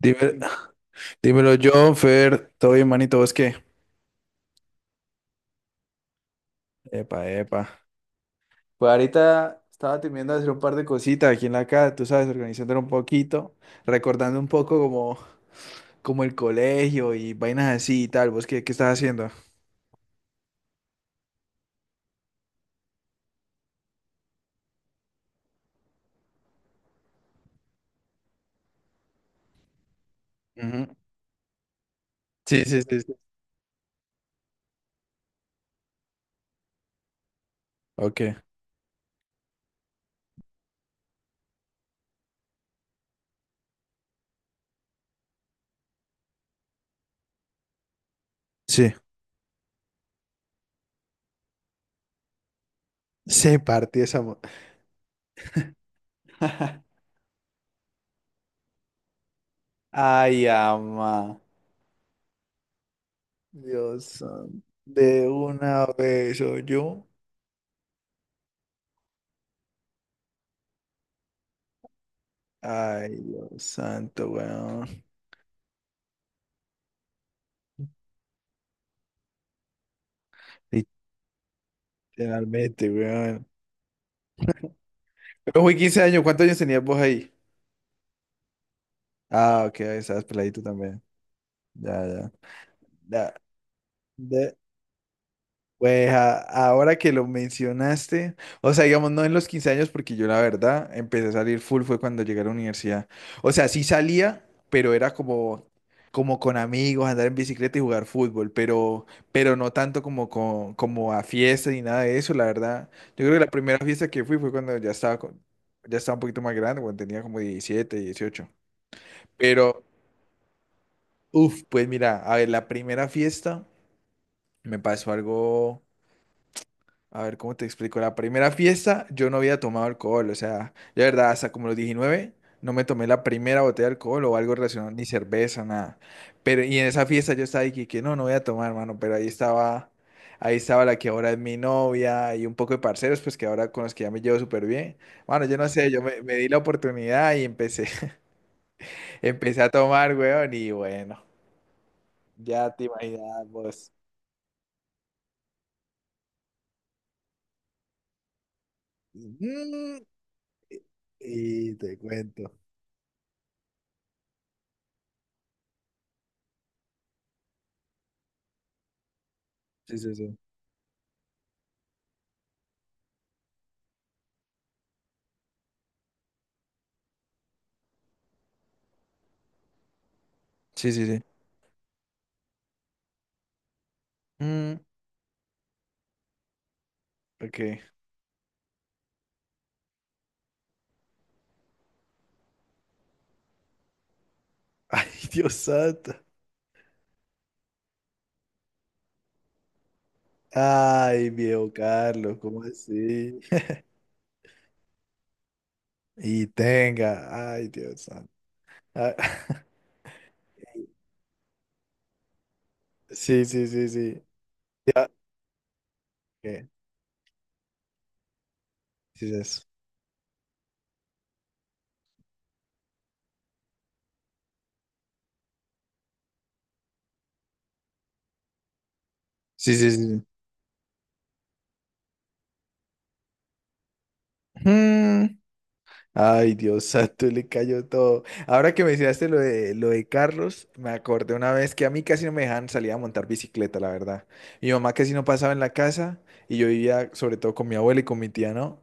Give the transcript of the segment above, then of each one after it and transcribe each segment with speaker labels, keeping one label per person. Speaker 1: Dime- dímelo, John, Fer, todo bien, manito, ¿vos qué? Epa, epa. Pues ahorita estaba terminando de hacer un par de cositas aquí en la casa, tú sabes, organizándolo un poquito, recordando un poco como el colegio y vainas así y tal. ¿Vos qué estás haciendo? Ujú. Sí, sí, sí, sí. Ok. Sí. Se partió esa. Ay, ama. Dios santo. De una vez soy yo. Ay, Dios santo, weón. Literalmente, weón. Pero fui 15 años, ¿cuántos años tenías vos ahí? Ah, ok, estabas peladito también. Ya, ya. Ya. De- pues a- ahora que lo mencionaste, o sea, digamos, no en los 15 años, porque yo la verdad empecé a salir full fue cuando llegué a la universidad. O sea, sí salía, pero era como con amigos, andar en bicicleta y jugar fútbol, pero no tanto como, como a fiestas ni nada de eso, la verdad. Yo creo que la primera fiesta que fui fue cuando ya estaba, ya estaba un poquito más grande, cuando tenía como 17, dieciocho. Pero, uf, pues mira, a ver, la primera fiesta me pasó algo, a ver, ¿cómo te explico? La primera fiesta yo no había tomado alcohol, o sea, de verdad, hasta como los 19 no me tomé la primera botella de alcohol o algo relacionado, ni cerveza, nada. Pero, y en esa fiesta yo estaba ahí que no, no voy a tomar, hermano, pero ahí estaba la que ahora es mi novia y un poco de parceros, pues que ahora con los que ya me llevo súper bien. Bueno, yo no sé, yo me di la oportunidad y empecé, empecé a tomar, weón, y bueno, ya te imaginas vos. Mm, y te cuento. Sí, sí, sí. Sí, sí, sí. Mm, ok. Ay, Dios santo. Ay, viejo Carlos, ¿cómo así? Y tenga. Ay, Dios santo. Ah, sí, sí, sí, sí. Ya. ¿Qué? Sí, sí, eso. Sí, sí, sí, sí. Mm. Ay, Dios santo, le cayó todo. Ahora que mencionaste lo de Carlos, me acordé una vez que a mí casi no me dejaban salir a montar bicicleta, la verdad. Mi mamá casi no pasaba en la casa y yo vivía sobre todo con mi abuela y con mi tía, ¿no?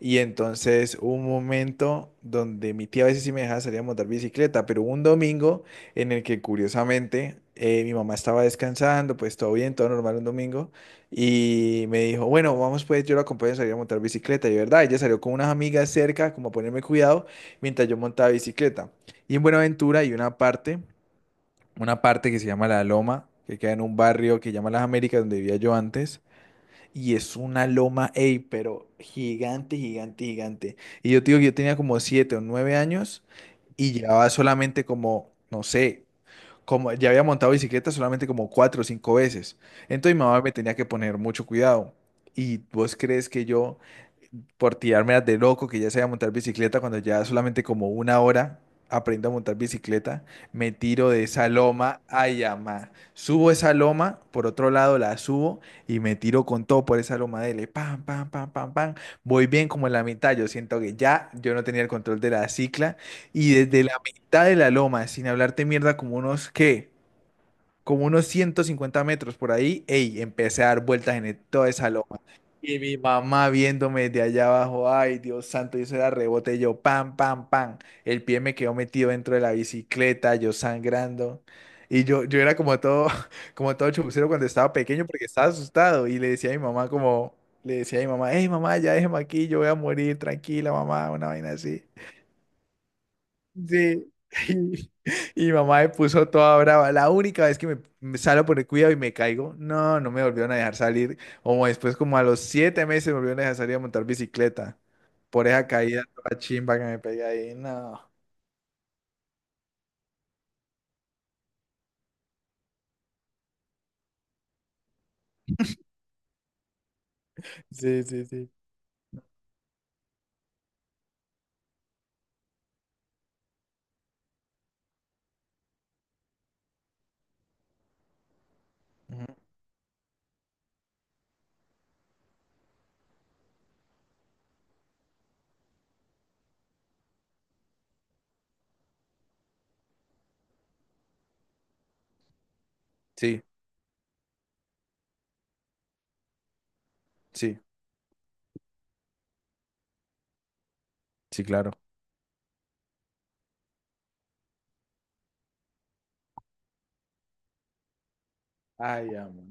Speaker 1: Y entonces hubo un momento donde mi tía a veces sí me dejaba salir a montar bicicleta, pero hubo un domingo en el que curiosamente mi mamá estaba descansando, pues todo bien, todo normal un domingo, y me dijo, bueno, vamos pues, yo la acompañé a salir a montar bicicleta. Y verdad, ella salió con unas amigas cerca, como a ponerme cuidado, mientras yo montaba bicicleta. Y en Buenaventura hay una parte que se llama La Loma, que queda en un barrio que llama Las Américas, donde vivía yo antes. Y es una loma, ey, pero gigante, gigante, gigante. Y yo te digo que yo tenía como 7 o 9 años y llevaba solamente como, no sé, como ya había montado bicicleta solamente como cuatro o cinco veces. Entonces mi mamá me tenía que poner mucho cuidado. ¿Y vos crees que yo, por tirarme de loco, que ya sabía montar bicicleta, cuando ya solamente como una hora aprendo a montar bicicleta, me tiro de esa loma, ay, ama. Subo esa loma, por otro lado la subo y me tiro con todo por esa loma dele, pam, pam, pam, pam, pam. Voy bien como en la mitad, yo siento que ya yo no tenía el control de la cicla y desde la mitad de la loma, sin hablarte mierda, como unos, ¿qué? Como unos 150 metros por ahí, ey, empecé a dar vueltas en toda esa loma. Y mi mamá viéndome de allá abajo, ay, Dios santo, y eso era rebote, y yo, pam, pam, pam. El pie me quedó metido dentro de la bicicleta, yo sangrando. Y yo era como todo, como todo chupucero cuando estaba pequeño porque estaba asustado. Y le decía a mi mamá, hey mamá, ya déjeme aquí, yo voy a morir, tranquila mamá, una vaina así. Sí. Y, y mamá me puso toda brava. La única vez que me salgo por el cuidado y me caigo, no, no me volvieron a dejar salir. Como después, como a los 7 meses, me volvieron a dejar salir a montar bicicleta. Por esa caída toda chimba que me pegué ahí. No. Sí, sí, sí. Ujú. Sí, sí, sí, claro. Ay, amo.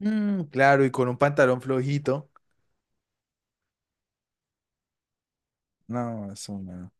Speaker 1: Mm, claro, y con un pantalón flojito. No, eso no.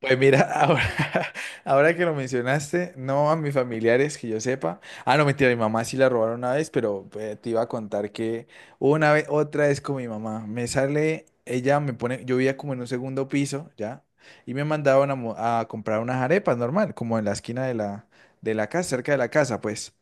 Speaker 1: Pues mira, ahora, ahora que lo mencionaste, no a mis familiares que yo sepa. Ah, no, mentira, mi mamá sí la robaron una vez, pero te iba a contar que una vez, otra vez con mi mamá, me sale, ella me pone, yo vivía como en un segundo piso, ¿ya? Y me mandaban a, a comprar unas arepas normal, como en la esquina de de la casa, cerca de la casa, pues.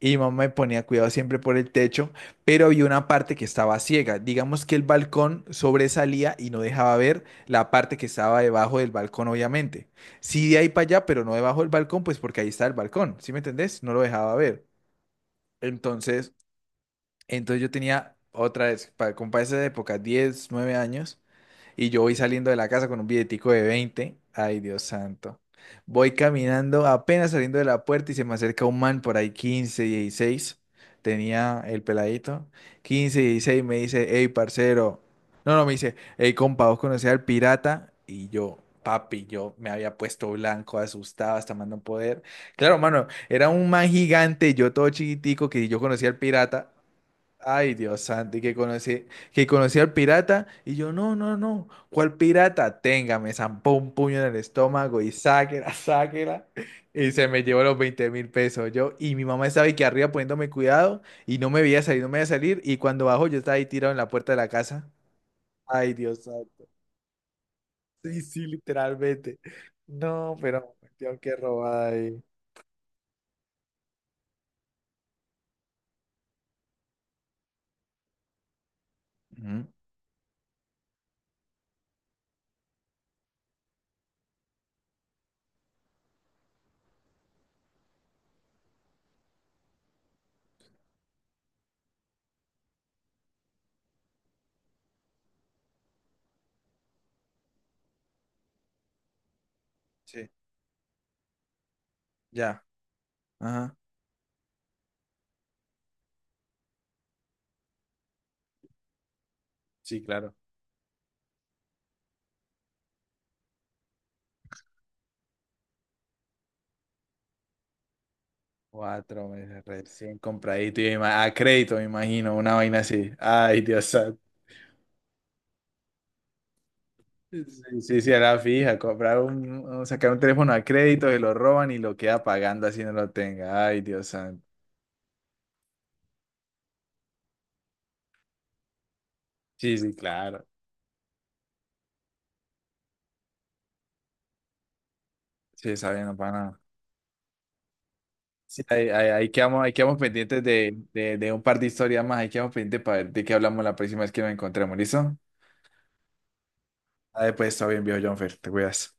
Speaker 1: Y mi mamá me ponía cuidado siempre por el techo, pero había una parte que estaba ciega. Digamos que el balcón sobresalía y no dejaba ver la parte que estaba debajo del balcón, obviamente. Sí, de ahí para allá, pero no debajo del balcón, pues porque ahí está el balcón, ¿sí me entendés? No lo dejaba ver. Entonces, entonces yo tenía otra vez, para, como para esa época, 10, 9 años, y yo voy saliendo de la casa con un billetico de veinte. Ay, Dios santo. Voy caminando, apenas saliendo de la puerta y se me acerca un man por ahí, 15, 16. Tenía el peladito. 15, 16, me dice, hey, parcero. No, no, me dice, hey, compa, ¿vos conocés al pirata? Y yo, papi, yo me había puesto blanco, asustado, hasta más no poder. Claro, mano, era un man gigante, yo todo chiquitico, que yo conocía al pirata. Ay, Dios santo, que conocí al pirata, y yo, no, no, no, ¿cuál pirata? Tenga, me zampó un puño en el estómago y sáquela, sáquela, y se me llevó los 20.000 pesos. Yo, y mi mamá estaba aquí arriba poniéndome cuidado, y no me veía salir, y cuando bajo yo estaba ahí tirado en la puerta de la casa. Ay, Dios santo, sí, sí, literalmente. No, pero, tío, qué robada ahí. Ujú, sí, ya, ajá, sí, claro. Cuatro meses recién compradito y a crédito, me imagino, una vaina así. Ay, Dios santo. Sí, sí, sí, era fija, comprar un, sacar un teléfono a crédito, se lo roban y lo queda pagando así no lo tenga. Ay, Dios santo. Sí, sí, claro. Sí, esa vaina no para nada. Sí, ahí quedamos, ahí quedamos pendientes de un par de historias más. Ahí quedamos pendientes para ver de qué hablamos la próxima vez que nos encontremos, ¿listo? Ah, pues, está bien, viejo Jonfer, te cuidas.